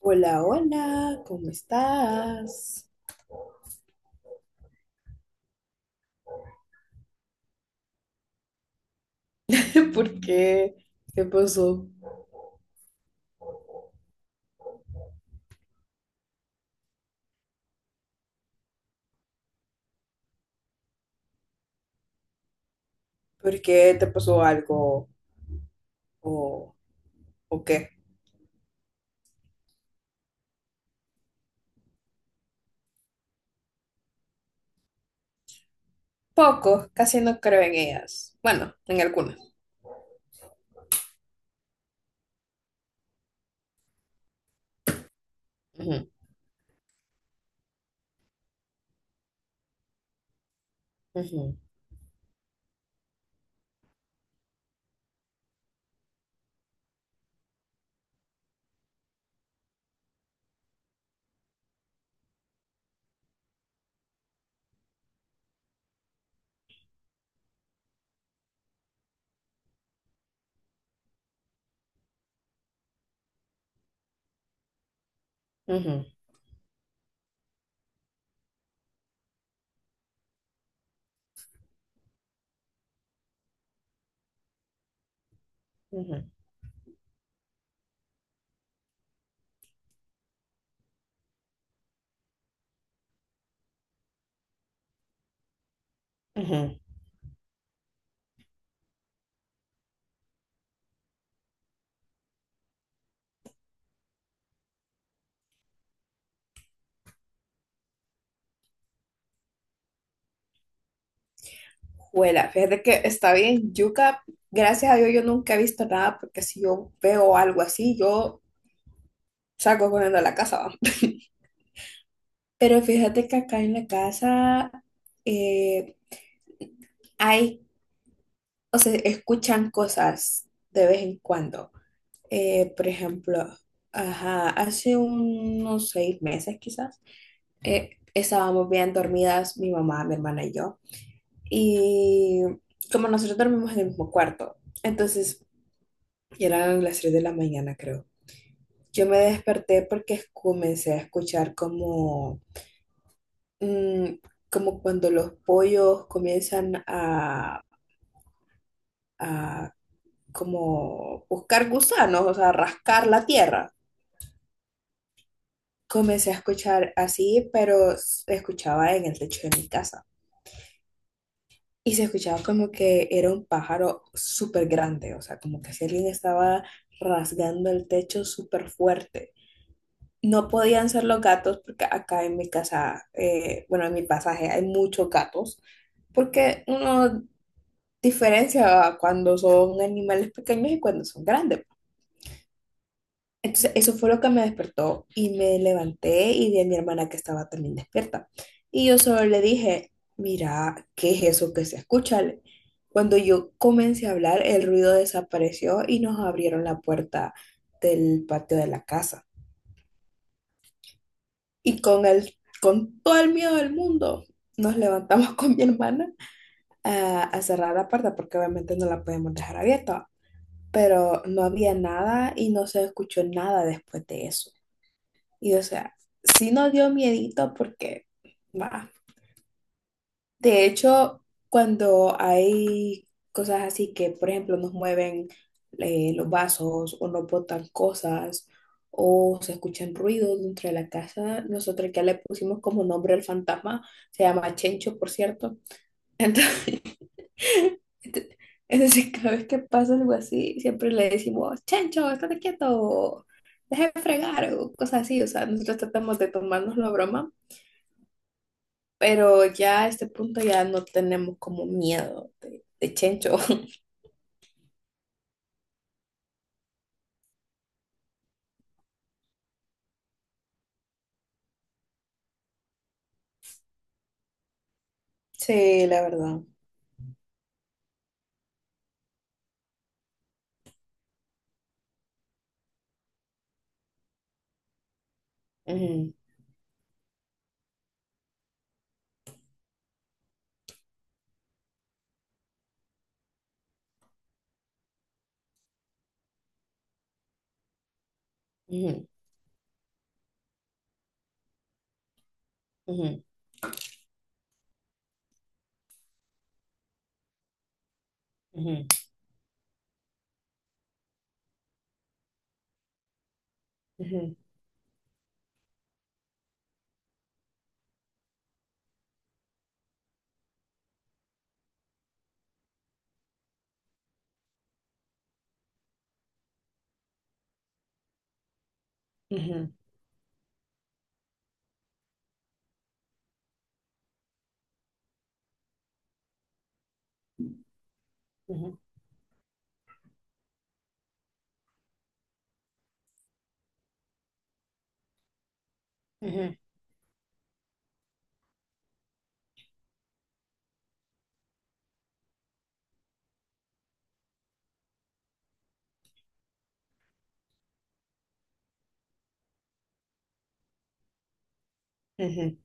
Hola, hola, ¿cómo estás? ¿Por qué? ¿Qué pasó? ¿Por qué te pasó algo? ¿O, o qué? Poco, casi no creo en ellas. Bueno, en algunas. Ujú, ujú, ujú, ujú, ujú. Juela, fíjate que está bien, yuca. Gracias a Dios yo nunca he visto nada porque si yo veo algo así, yo salgo corriendo a la casa, va. Pero fíjate que acá en la casa eh, hay o se escuchan cosas de vez en cuando. Por ejemplo, ajá, hace unos seis meses quizás, estábamos bien dormidas mi mamá, mi hermana y yo. Y como nosotros dormimos en el mismo cuarto, entonces eran las 3 de la mañana, creo. Yo me desperté porque comencé a escuchar como, mm, como cuando los pollos comienzan a como buscar gusanos, o sea, rascar la tierra. Comencé a escuchar así, pero se escuchaba en el techo de mi casa. Y se escuchaba como que era un pájaro súper grande, o sea, como que si alguien estaba rasgando el techo súper fuerte. No podían ser los gatos porque acá en mi casa, bueno, en mi pasaje hay muchos gatos, porque uno diferencia cuando son animales pequeños y cuando son grandes. Entonces, eso fue lo que me despertó y me levanté y vi a mi hermana que estaba también despierta. Y yo solo le dije, mira, ¿qué es eso que se escucha? Cuando yo comencé a hablar, el ruido desapareció y nos abrieron la puerta del patio de la casa. Y con todo el miedo del mundo, nos levantamos con mi hermana a cerrar la puerta porque obviamente no la podemos dejar abierta. Pero no había nada y no se escuchó nada después de eso. Y o sea, sí nos dio miedito porque, va. De hecho, cuando hay cosas así que, por ejemplo, nos mueven los vasos o nos botan cosas o se escuchan ruidos dentro de la casa, nosotros ya le pusimos como nombre al fantasma, se llama Chencho, por cierto. Entonces, entonces cada vez que pasa algo así, siempre le decimos, Chencho, estate quieto, deja de fregar o cosas así. O sea, nosotros tratamos de tomarnos la broma. Pero ya a este punto ya no tenemos como miedo de Chencho. Sí, la verdad. Ujú, ujú, ujú, ujú, ujú, ujú, ujú, ujú, ujú.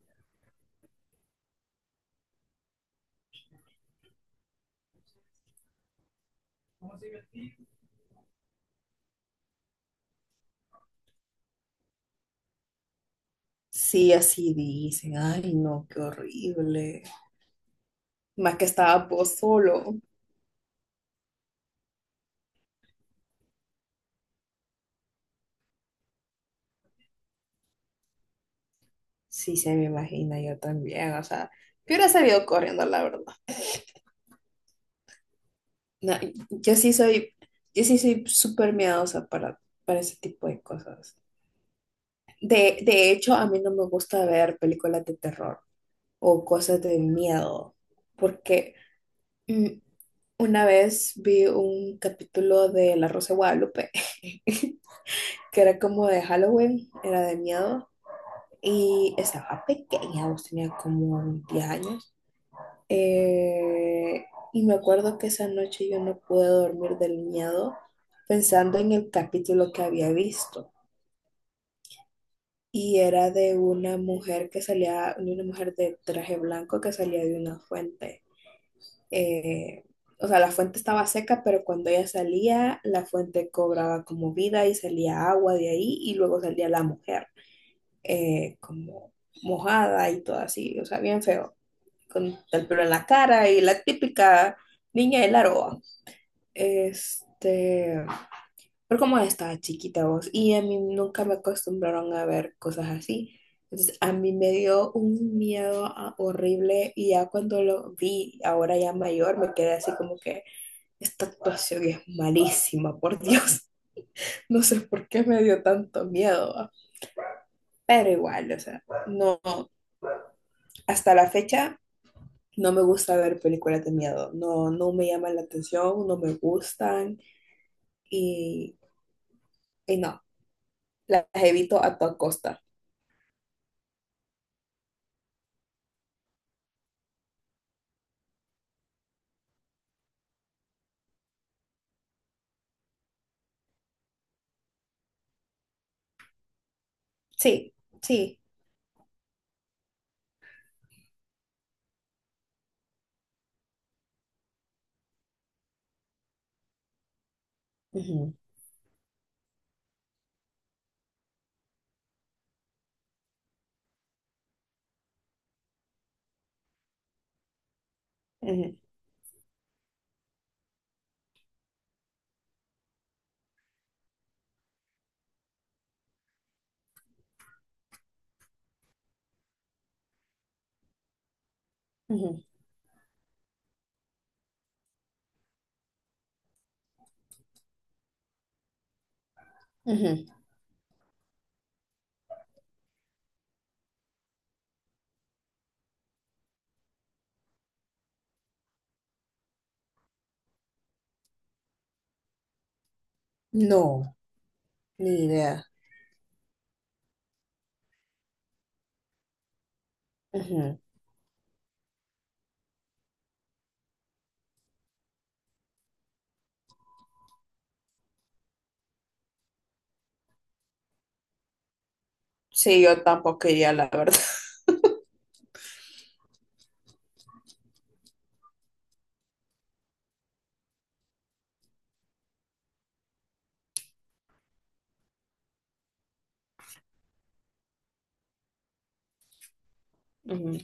Sí, así dicen. Ay, no, qué horrible. Más que estaba vos solo. Sí, se me imagina yo también. O sea, yo hubiera salido corriendo, la verdad. No, yo sí soy, yo sí soy súper miedosa para ese tipo de cosas. De hecho, a mí no me gusta ver películas de terror o cosas de miedo, porque mm, una vez vi un capítulo de La Rosa de Guadalupe, que era como de Halloween, era de miedo, y estaba pequeña, vos tenía como 10 años, eh, y me acuerdo que esa noche yo no pude dormir del miedo pensando en el capítulo que había visto. Y era de una mujer que salía, de una mujer de traje blanco que salía de una fuente. eh, o sea, la fuente estaba seca, pero cuando ella salía, la fuente cobraba como vida y salía agua de ahí y luego salía la mujer como mojada y todo así, o sea, bien feo, con el pelo en la cara y la típica niña de la roa. Este, pero como estaba chiquita vos y a mí nunca me acostumbraron a ver cosas así. Entonces, a mí me dio un miedo horrible y ya cuando lo vi, ahora ya mayor, me quedé así como que esta actuación es malísima, por Dios. No sé por qué me dio tanto miedo, ¿va? Pero igual, o sea, no, hasta la fecha no me gusta ver películas de miedo, no, no me llaman la atención, no me gustan y, y no, las evito a toda costa. Sí, sí. Ujú, ujú, ujú, ujú. No, ni idea. Ujú. Sí, yo tampoco iría, la verdad. Ujú,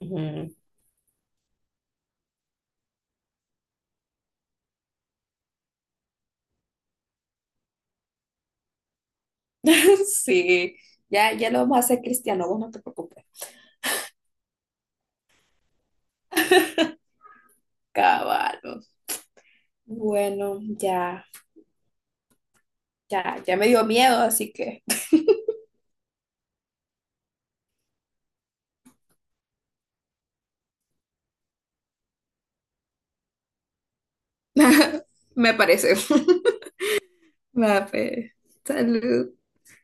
ujú. Sí, ya, ya lo vamos a hacer, Cristiano, vos no te preocupes. Caballo. Bueno, ya, ya, ya me dio miedo, así que me parece. Va, pues. Salud.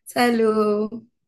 Salud.